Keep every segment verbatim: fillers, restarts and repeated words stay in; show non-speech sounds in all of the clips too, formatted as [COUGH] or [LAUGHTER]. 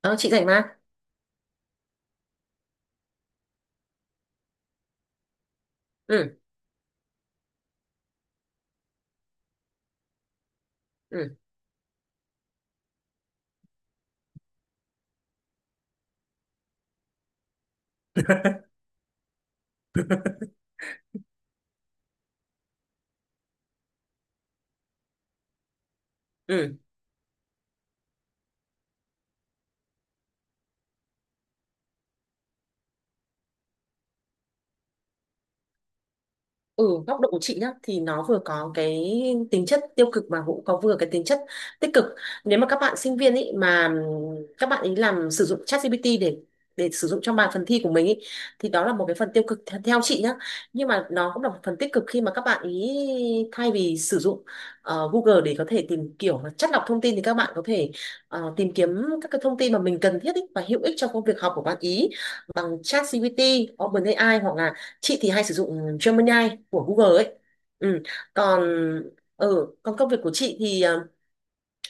Ờ, chị rảnh mà. Ừ, ừ, ừ. Ừ, góc độ của chị nhá thì nó vừa có cái tính chất tiêu cực mà cũng có vừa cái tính chất tích cực. Nếu mà các bạn sinh viên ấy mà ừm, các bạn ấy làm sử dụng ChatGPT để để sử dụng trong bài phần thi của mình ý, thì đó là một cái phần tiêu cực theo, theo chị nhá. Nhưng mà nó cũng là một phần tích cực khi mà các bạn ý thay vì sử dụng ờ, Google để có thể tìm kiểu là chắt lọc thông tin thì các bạn có thể ờ, tìm kiếm các cái thông tin mà mình cần thiết ý và hữu ích cho công việc học của bạn ý bằng ChatGPT, OpenAI hoặc là chị thì hay sử dụng Gemini của Google ấy. Ừ. Còn ừ, còn công việc của chị thì ờ,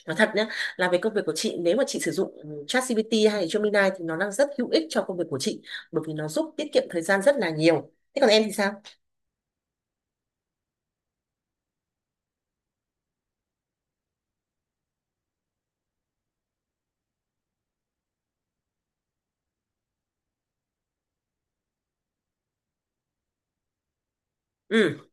nói thật nhé, là về công việc của chị, nếu mà chị sử dụng ChatGPT hay Gemini thì nó đang rất hữu ích cho công việc của chị, bởi vì nó giúp tiết kiệm thời gian rất là nhiều. Thế còn em thì sao? Ừ.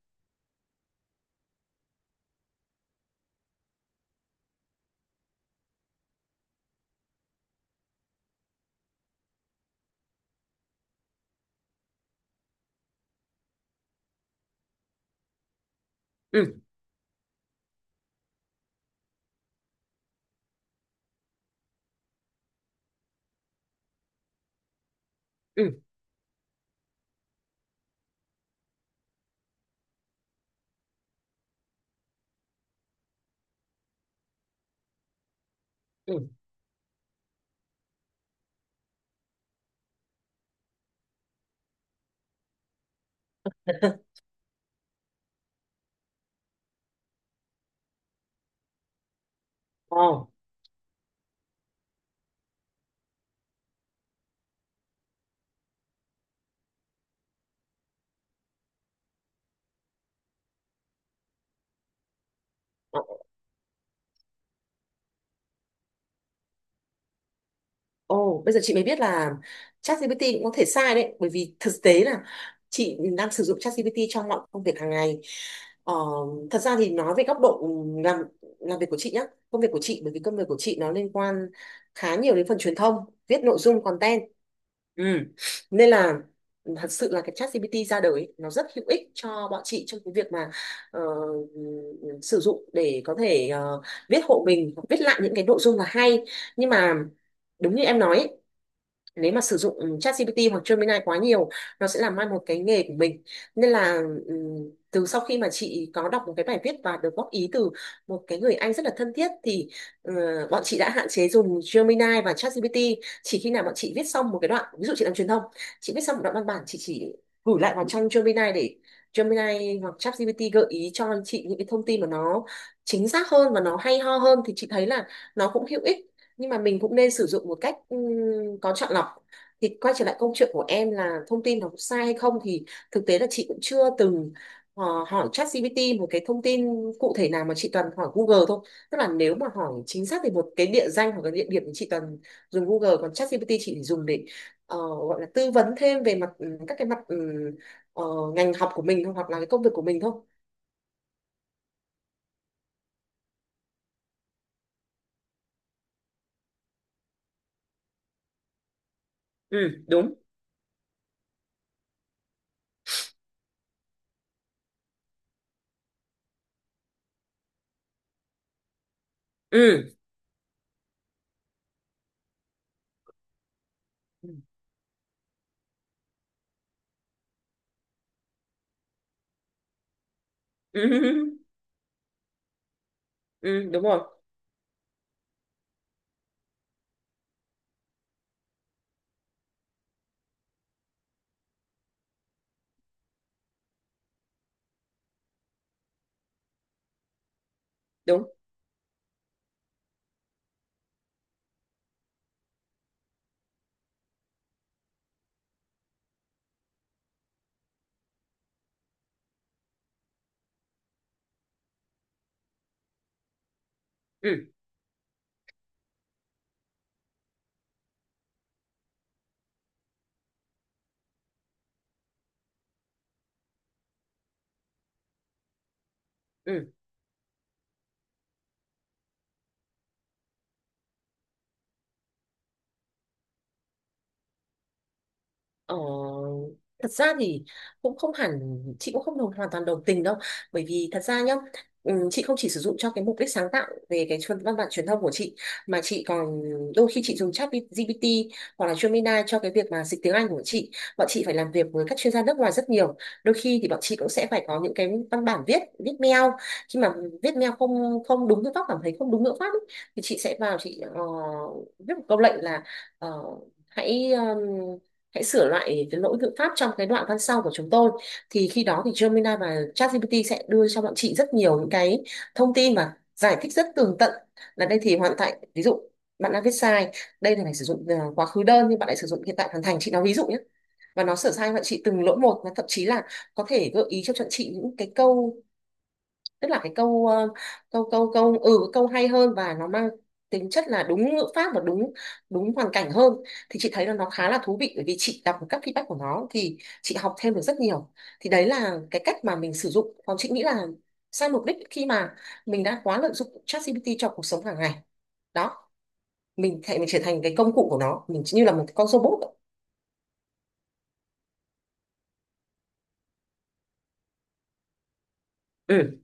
Ừ. Ừ. Ừ. [LAUGHS] Ồ. Ồ, bây giờ chị mới biết là ChatGPT cũng có thể sai đấy, bởi vì thực tế là chị đang sử dụng ChatGPT trong mọi công việc hàng ngày. Ờ, thật ra thì nói về góc độ làm làm việc của chị nhá, công việc của chị, bởi vì công việc của chị nó liên quan khá nhiều đến phần truyền thông, viết nội dung content. Ừ. Nên là thật sự là cái ChatGPT ra đời ấy, nó rất hữu ích cho bọn chị trong cái việc mà ờ, sử dụng để có thể ờ, viết hộ mình, viết lại những cái nội dung là hay. Nhưng mà đúng như em nói ấy, nếu mà sử dụng ChatGPT hoặc Gemini quá nhiều, nó sẽ làm mai một cái nghề của mình. Nên là ừm, từ sau khi mà chị có đọc một cái bài viết và được góp ý từ một cái người anh rất là thân thiết, thì ờ, bọn chị đã hạn chế dùng Gemini và ChatGPT. Chỉ khi nào bọn chị viết xong một cái đoạn, ví dụ chị làm truyền thông, chị viết xong một đoạn văn bản, chị chỉ gửi lại vào trong Gemini để Gemini hoặc ChatGPT gợi ý cho chị những cái thông tin mà nó chính xác hơn và nó hay ho hơn, thì chị thấy là nó cũng hữu ích. Nhưng mà mình cũng nên sử dụng một cách ừm, có chọn lọc. Thì quay trở lại câu chuyện của em là thông tin nó có sai hay không, thì thực tế là chị cũng chưa từng ờ, hỏi ChatGPT một cái thông tin cụ thể nào, mà chị toàn hỏi Google thôi. Tức là nếu mà hỏi chính xác thì một cái địa danh hoặc cái địa điểm thì chị toàn dùng Google, còn ChatGPT chị chỉ dùng để ờ, gọi là tư vấn thêm về mặt ừm, các cái mặt ừm, ờ, ngành học của mình thôi, hoặc là cái công việc của mình thôi. Ừ, đúng. Ừ. Ừ. [LAUGHS] Ừ, đúng rồi. Đúng. Ừ. Ừ. Ờ, thật ra thì cũng không hẳn, chị cũng không đồng, hoàn toàn đồng tình đâu, bởi vì thật ra nhá, ừm, chị không chỉ sử dụng cho cái mục đích sáng tạo về cái chuyên- văn bản truyền thông của chị, mà chị còn đôi khi chị dùng chat giê pê tê hoặc là Gemini cho cái việc mà dịch tiếng Anh của chị. Bọn chị phải làm việc với các chuyên gia nước ngoài rất nhiều, đôi khi thì bọn chị cũng sẽ phải có những cái văn bản viết viết mail. Khi mà viết mail không không đúng ngữ pháp, cảm thấy không đúng ngữ pháp ấy, thì chị sẽ vào chị ờ, viết một câu lệnh là ờ, hãy hãy sửa lại cái lỗi ngữ pháp trong cái đoạn văn sau của chúng tôi. Thì khi đó thì Gemini và ChatGPT sẽ đưa cho bọn chị rất nhiều những cái thông tin và giải thích rất tường tận, là đây thì hoàn tại ví dụ bạn đã viết sai, đây là phải sử dụng ờ, quá khứ đơn nhưng bạn lại sử dụng hiện tại hoàn thành, chị nói ví dụ nhé. Và nó sửa sai bạn chị từng lỗi một, và thậm chí là có thể gợi ý cho bọn chị những cái câu, tức là cái câu ờ, câu câu câu ừ câu hay hơn và nó mang tính chất là đúng ngữ pháp và đúng đúng hoàn cảnh hơn. Thì chị thấy là nó khá là thú vị, bởi vì chị đọc các feedback của nó thì chị học thêm được rất nhiều. Thì đấy là cái cách mà mình sử dụng. Còn chị nghĩ là sai mục đích khi mà mình đã quá lợi dụng ChatGPT cho cuộc sống hàng ngày đó, mình thể mình trở thành cái công cụ của nó, mình như là một con robot. Ừ.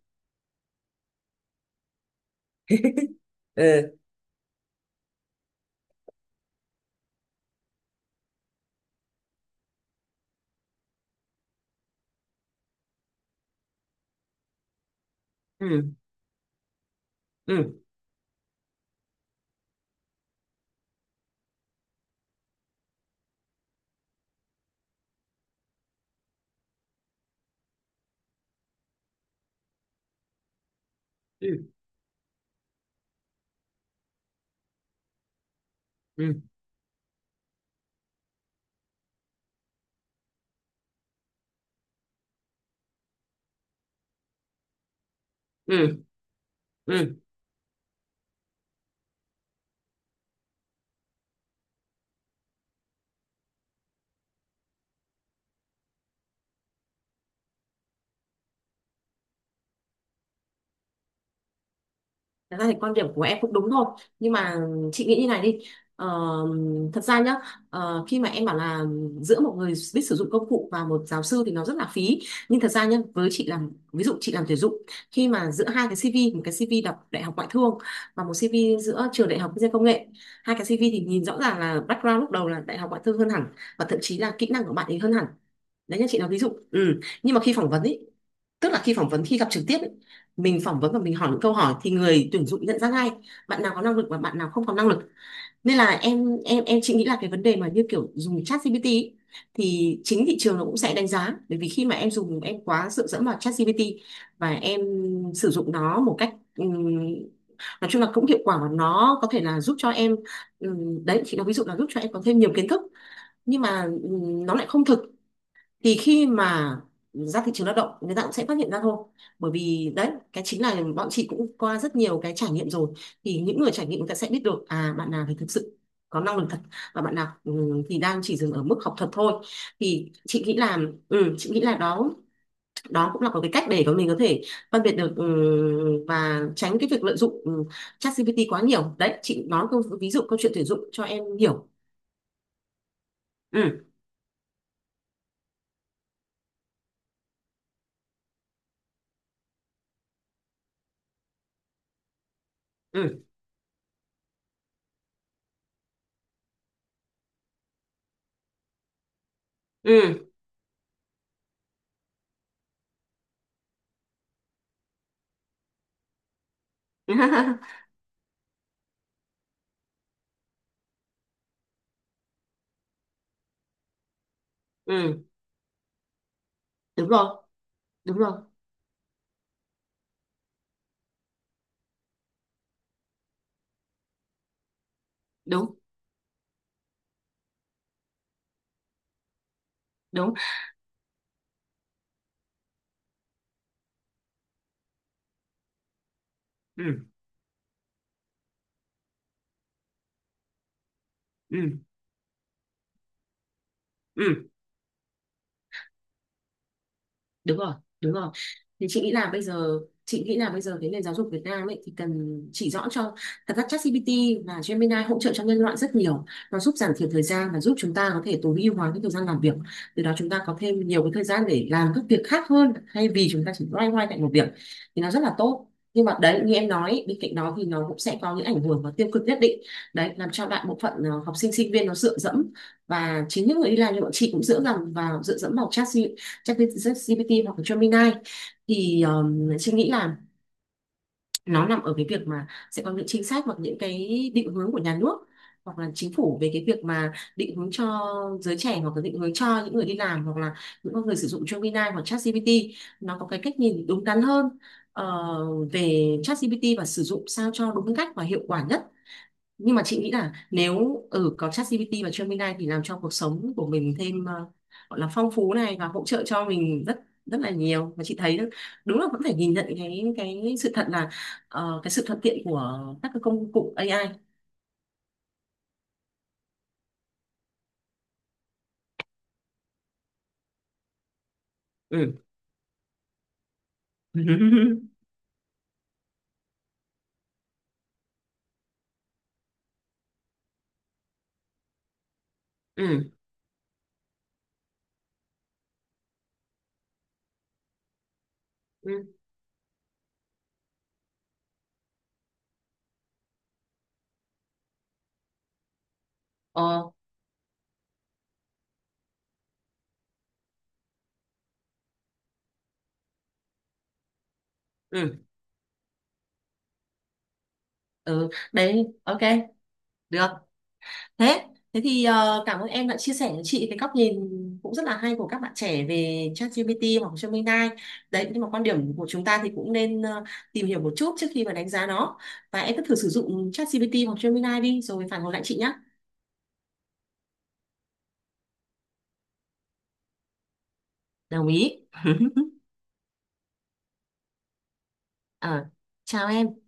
Ừ. Ừ. Ừ. Ừ. Ừ. Ừ. Ừ. Thật ra thì quan điểm của em cũng đúng thôi, nhưng mà chị nghĩ như này đi. ờ, Thật ra nhá, ờ, khi mà em bảo là giữa một người biết sử dụng công cụ và một giáo sư thì nó rất là phí. Nhưng thật ra nhá, với chị làm ví dụ chị làm tuyển dụng, khi mà giữa hai cái si vi, một cái xê vê đọc đại học ngoại thương và một si vi giữa trường đại học kinh doanh công nghệ, hai cái si vi thì nhìn rõ ràng là background lúc đầu là đại học ngoại thương hơn hẳn, và thậm chí là kỹ năng của bạn ấy hơn hẳn, đấy như chị nói ví dụ. Ừ. Nhưng mà khi phỏng vấn ý, tức là khi phỏng vấn, khi gặp trực tiếp ý, mình phỏng vấn và mình hỏi những câu hỏi thì người tuyển dụng nhận ra ngay bạn nào có năng lực và bạn nào không có năng lực. Nên là em em em chị nghĩ là cái vấn đề mà như kiểu dùng chat giê pê tê ý, thì chính thị trường nó cũng sẽ đánh giá. Bởi vì khi mà em dùng, em quá dựa dẫm vào chat gi pi ti và em sử dụng nó một cách ừm, nói chung là cũng hiệu quả, và nó có thể là giúp cho em ừm, đấy chị nói ví dụ là giúp cho em có thêm nhiều kiến thức. Nhưng mà ừm, nó lại không thực, thì khi mà ra thị trường lao động người ta cũng sẽ phát hiện ra thôi. Bởi vì đấy, cái chính là bọn chị cũng qua rất nhiều cái trải nghiệm rồi, thì những người trải nghiệm người ta sẽ biết được à bạn nào thì thực sự có năng lực thật, và bạn nào ừ, thì đang chỉ dừng ở mức học thuật thôi. Thì chị nghĩ là ừ, chị nghĩ là đó đó cũng là một cái cách để mà mình có thể phân biệt được ừ, và tránh cái việc lợi dụng ừ, ChatGPT quá nhiều. Đấy, chị nói câu ví dụ câu chuyện tuyển dụng cho em hiểu. Ừ. Ừ. Ừ. [LAUGHS] Ừ, đúng rồi. Đúng rồi. Đúng. Đúng. Ừ. Ừ. Ừ. Đúng rồi. Đúng rồi. Thì chị nghĩ là bây giờ, chị nghĩ là bây giờ cái nền giáo dục Việt Nam ấy thì cần chỉ rõ cho, thật ra ChatGPT và Gemini hỗ trợ cho nhân loại rất nhiều, nó giúp giảm thiểu thời gian và giúp chúng ta có thể tối ưu hóa cái thời gian làm việc. Từ đó chúng ta có thêm nhiều cái thời gian để làm các việc khác hơn, thay vì chúng ta chỉ loay hoay tại một việc, thì nó rất là tốt. Nhưng mà đấy như em nói, bên cạnh đó thì nó cũng sẽ có những ảnh hưởng và tiêu cực nhất định, đấy làm cho đại bộ phận ờ, học sinh sinh viên nó dựa dẫm, và chính những người đi làm như bọn chị cũng dựa dẫm vào dựa dẫm vào chat ChatGPT hoặc là Gemini. Thì um, chị nghĩ là nó nằm ở cái việc mà sẽ có những chính sách hoặc những cái định hướng của nhà nước hoặc là chính phủ, về cái việc mà định hướng cho giới trẻ, hoặc là định hướng cho những người đi làm, hoặc là những con người sử dụng Gemini hoặc ChatGPT nó có cái cách nhìn đúng đắn hơn ờ, về ChatGPT, và sử dụng sao cho đúng cách và hiệu quả nhất. Nhưng mà chị nghĩ là nếu ở có ChatGPT và Gemini thì làm cho cuộc sống của mình thêm ờ, gọi là phong phú này, và hỗ trợ cho mình rất rất là nhiều. Và chị thấy đúng là vẫn phải nhìn nhận cái cái sự thật là ờ, cái sự thuận tiện của các cái công cụ a i. Ừ. Ừ. [LAUGHS] Ừ. Ừ. Ờ. Ừ. Ừ. Đấy, ok, được. Thế thế thì ờ, cảm ơn em đã chia sẻ cho chị cái góc nhìn cũng rất là hay của các bạn trẻ về ChatGPT hoặc Gemini đấy. Nhưng mà quan điểm của chúng ta thì cũng nên ờ, tìm hiểu một chút trước khi mà đánh giá nó, và em cứ thử sử dụng ChatGPT hoặc Gemini đi rồi phản hồi lại chị nhé. Đồng ý. [LAUGHS] Ờ, chào em